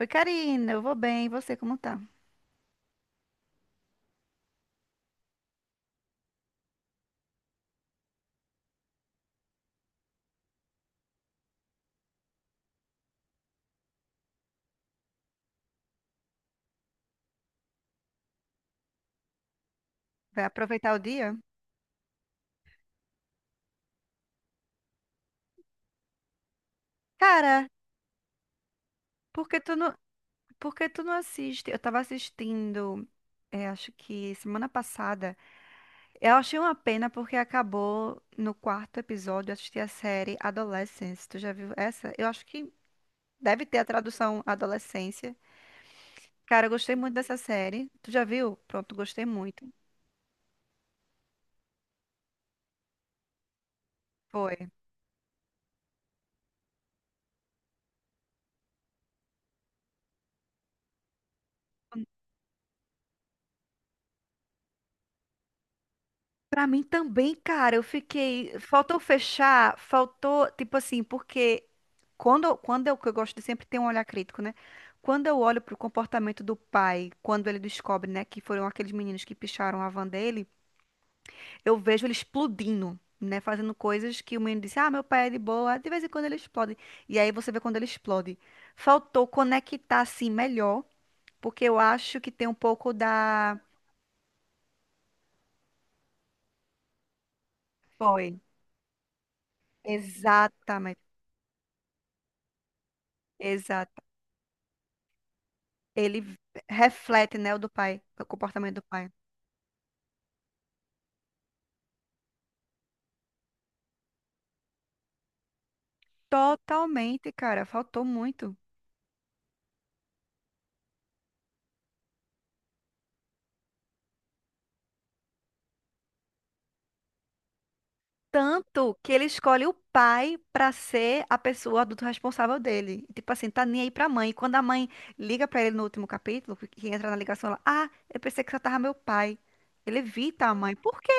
Oi, Karina, eu vou bem, e você como tá? Vai aproveitar o dia? Cara, por que tu não, por que tu não assiste? Eu tava assistindo, acho que semana passada. Eu achei uma pena porque acabou no quarto episódio, eu assisti a série Adolescence. Tu já viu essa? Eu acho que deve ter a tradução Adolescência. Cara, eu gostei muito dessa série. Tu já viu? Pronto, gostei muito. Foi. Pra mim também, cara, eu fiquei. Faltou fechar, faltou, tipo assim, porque que eu gosto de sempre ter um olhar crítico, né? Quando eu olho pro comportamento do pai, quando ele descobre, né, que foram aqueles meninos que picharam a van dele, eu vejo ele explodindo, né? Fazendo coisas que o menino disse, ah, meu pai é de boa, de vez em quando ele explode. E aí você vê quando ele explode. Faltou conectar assim melhor, porque eu acho que tem um pouco da. Foi. Exatamente. Exato. Ele reflete, né, o do pai, o comportamento do pai. Totalmente, cara, faltou muito. Tanto que ele escolhe o pai pra ser a pessoa, o adulto responsável dele. Tipo assim, tá nem aí pra mãe. Quando a mãe liga pra ele no último capítulo, que entra na ligação, ela, ah, eu pensei que você tava meu pai. Ele evita a mãe. Por quê?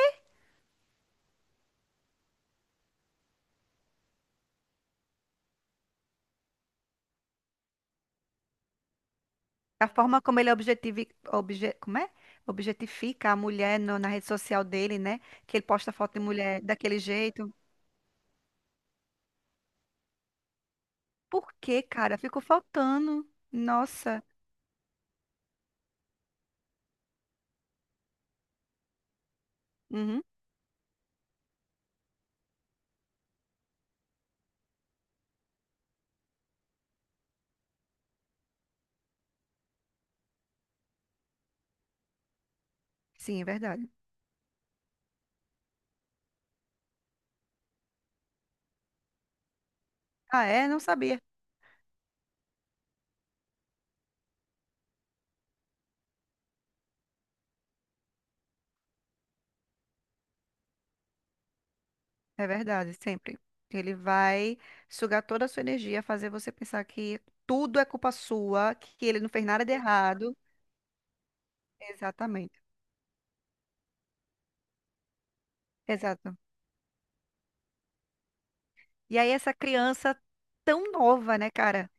A forma como ele como é? Objetifica a mulher na rede social dele, né? Que ele posta foto de mulher daquele jeito. Por quê, cara? Ficou faltando. Nossa. Uhum. Sim, é verdade. Ah, é? Não sabia. É verdade, sempre. Ele vai sugar toda a sua energia, fazer você pensar que tudo é culpa sua, que ele não fez nada de errado. Exatamente. Exato. E aí essa criança tão nova, né, cara?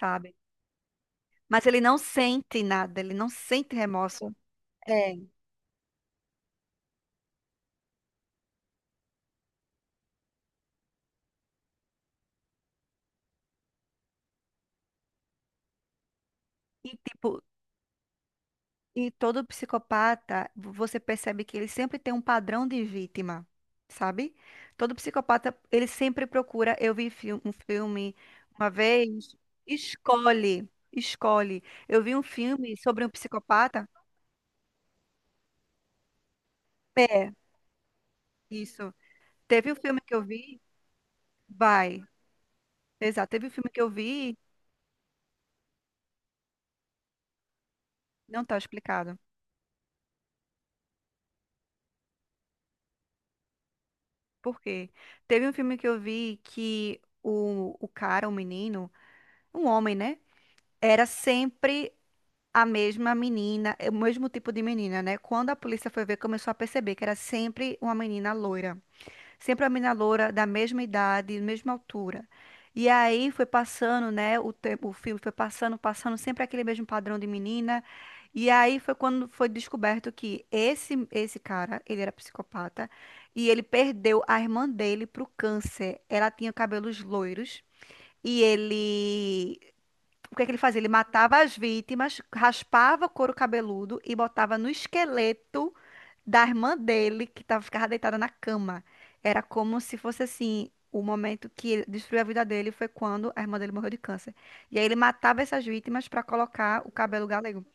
Sabe? Mas ele não sente nada, ele não sente remorso. É. E, tipo, E todo psicopata, você percebe que ele sempre tem um padrão de vítima, sabe? Todo psicopata, ele sempre procura. Eu vi um filme uma vez. Escolhe, escolhe. Eu vi um filme sobre um psicopata. É, isso. Teve um filme que eu vi, vai. Exato, teve um filme que eu vi, não tá explicado. Por quê? Teve um filme que eu vi que o cara, o menino, um homem, né? Era sempre a mesma menina, é o mesmo tipo de menina, né? Quando a polícia foi ver, começou a perceber que era sempre uma menina loira. Sempre uma menina loira da mesma idade, mesma altura. E aí foi passando, né? O tempo, o filme foi passando, passando, sempre aquele mesmo padrão de menina. E aí foi quando foi descoberto que esse cara, ele era psicopata e ele perdeu a irmã dele pro câncer. Ela tinha cabelos loiros e ele o que é que ele fazia? Ele matava as vítimas, raspava o couro cabeludo e botava no esqueleto da irmã dele, que ficava deitada na cama. Era como se fosse assim, o momento que ele destruiu a vida dele foi quando a irmã dele morreu de câncer. E aí ele matava essas vítimas para colocar o cabelo galego.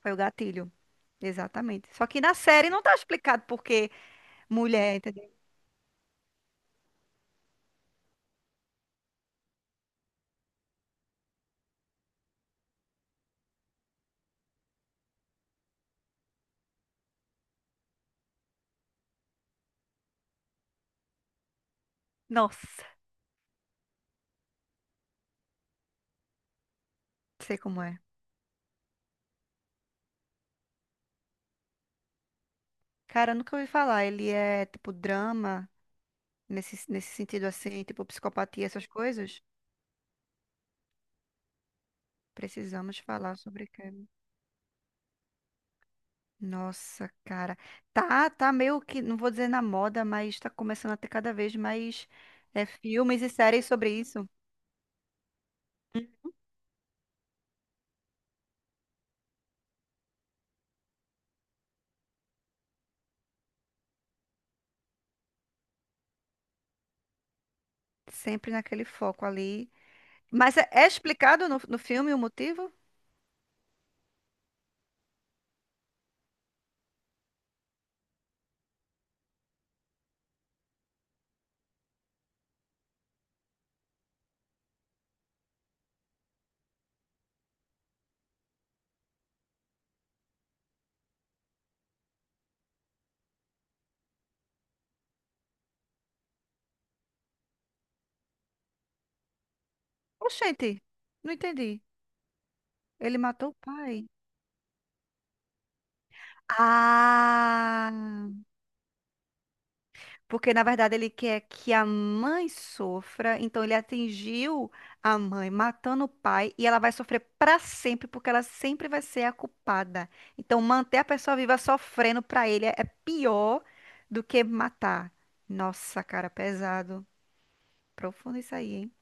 Foi o gatilho. Exatamente. Só que na série não tá explicado por que mulher, entendeu? Nossa, sei como é. Cara, eu nunca ouvi falar. Ele é tipo drama, nesse sentido assim, tipo psicopatia, essas coisas. Precisamos falar sobre Kevin. Nossa, cara. Tá. Tá meio que, não vou dizer na moda, mas tá começando a ter cada vez mais filmes e séries sobre isso. Hum. Sempre naquele foco ali. Mas é explicado no filme o motivo? Oxente, não entendi. Ele matou o pai. Ah! Porque, na verdade, ele quer que a mãe sofra, então ele atingiu a mãe matando o pai e ela vai sofrer para sempre, porque ela sempre vai ser a culpada. Então, manter a pessoa viva sofrendo para ele é pior do que matar. Nossa, cara, pesado. Profundo isso aí, hein?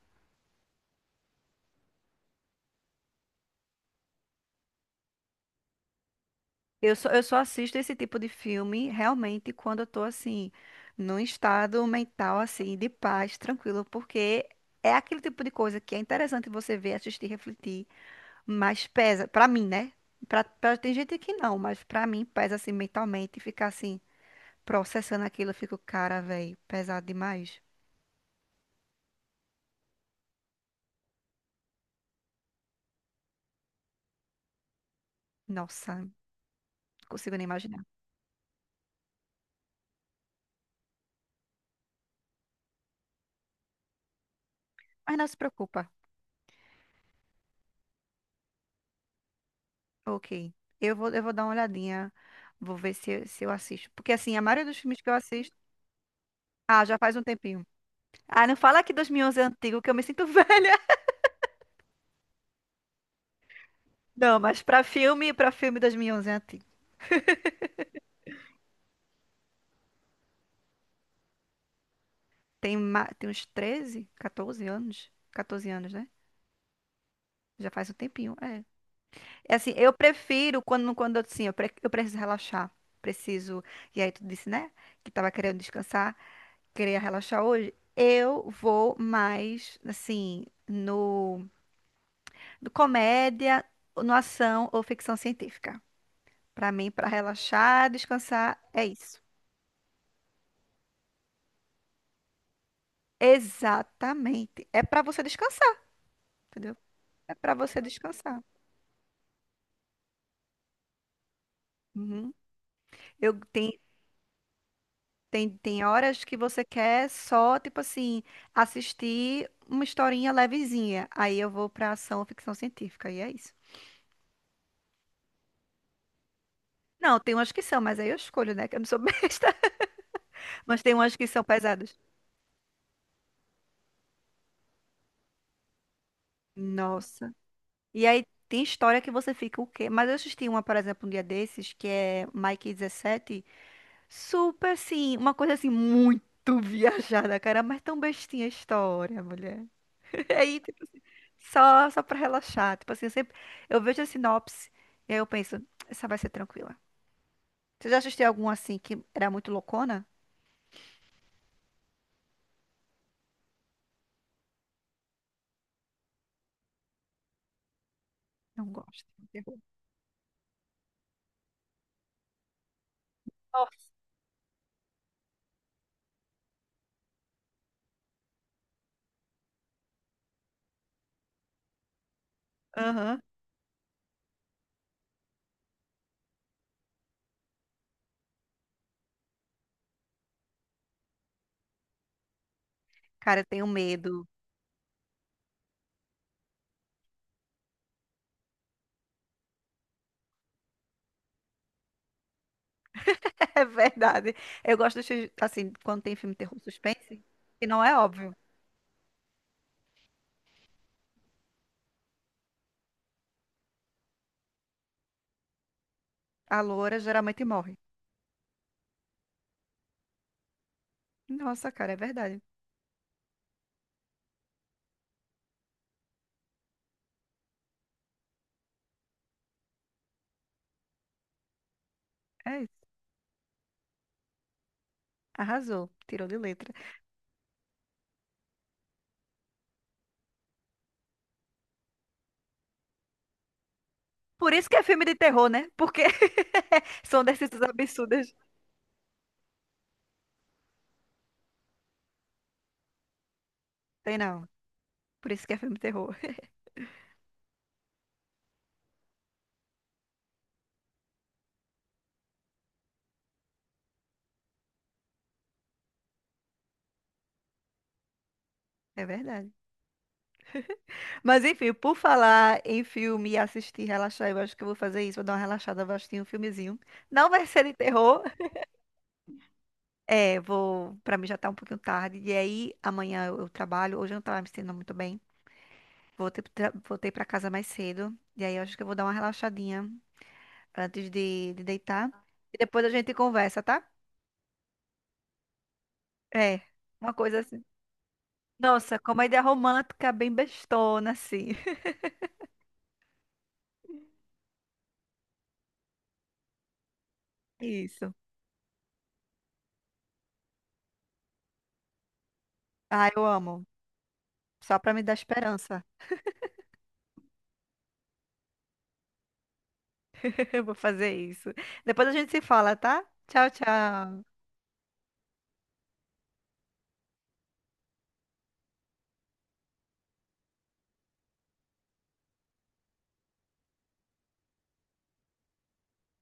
Eu só assisto esse tipo de filme realmente quando eu tô assim, num estado mental assim, de paz, tranquilo, porque é aquele tipo de coisa que é interessante você ver, assistir, refletir. Mas pesa, pra mim, né? Tem gente que não, mas pra mim pesa assim mentalmente, ficar assim, processando aquilo, eu fico, cara, velho, pesado demais. Nossa, não consigo nem imaginar. Mas não se preocupa. Ok. Eu vou dar uma olhadinha, vou ver se eu assisto. Porque assim, a maioria dos filmes que eu assisto. Ah, já faz um tempinho. Ah, não fala que 2011 é antigo, que eu me sinto velha. Não, mas pra filme 2011 é antigo. Tem uns 13 14 anos. 14 anos, né? Já faz um tempinho, é. É assim, eu prefiro quando, quando eu preciso relaxar. Preciso. E aí tu disse, né? Que tava querendo descansar, queria relaxar hoje. Eu vou mais, assim, no comédia, no ação ou ficção científica. Pra mim, pra relaxar, descansar, é isso. Exatamente. É pra você descansar, entendeu? É pra você descansar. Uhum. Eu tem horas que você quer só, tipo assim, assistir uma historinha levezinha. Aí eu vou pra ação ou ficção científica, e é isso. Não, tem umas que são, mas aí eu escolho, né? Que eu não sou besta. Mas tem umas que são pesadas. Nossa. E aí tem história que você fica o quê? Mas eu assisti uma, por exemplo, um dia desses, que é Mike 17. Super, assim, uma coisa assim, muito viajada, cara. Mas tão bestinha a história, mulher. Aí, só pra relaxar. Tipo assim, eu sempre eu vejo a sinopse e aí eu penso, essa vai ser tranquila. Você já assistiu algum assim que era muito loucona? Não gosto. Terror. Nossa. Aham. Cara, eu tenho medo. É verdade. Eu gosto dos filmes, assim, quando tem filme de terror suspense, que não é óbvio. A loura geralmente morre. Nossa, cara, é verdade. É isso. Arrasou. Tirou de letra. Por isso que é filme de terror, né? Porque são decisões absurdas. Tem não. Por isso que é filme de terror. É verdade. Mas enfim, por falar em filme e assistir, relaxar, eu acho que eu vou fazer isso. Vou dar uma relaxada, vou assistir um filmezinho. Não vai ser de terror. É, vou. Pra mim já tá um pouquinho tarde. E aí, amanhã eu trabalho. Hoje eu não tava me sentindo muito bem. Voltei pra casa mais cedo. E aí, eu acho que eu vou dar uma relaxadinha antes de deitar. E depois a gente conversa, tá? É, uma coisa assim. Nossa, comédia romântica bem bestona, assim. Isso. Ah, eu amo. Só pra me dar esperança. Vou fazer isso. Depois a gente se fala, tá? Tchau, tchau.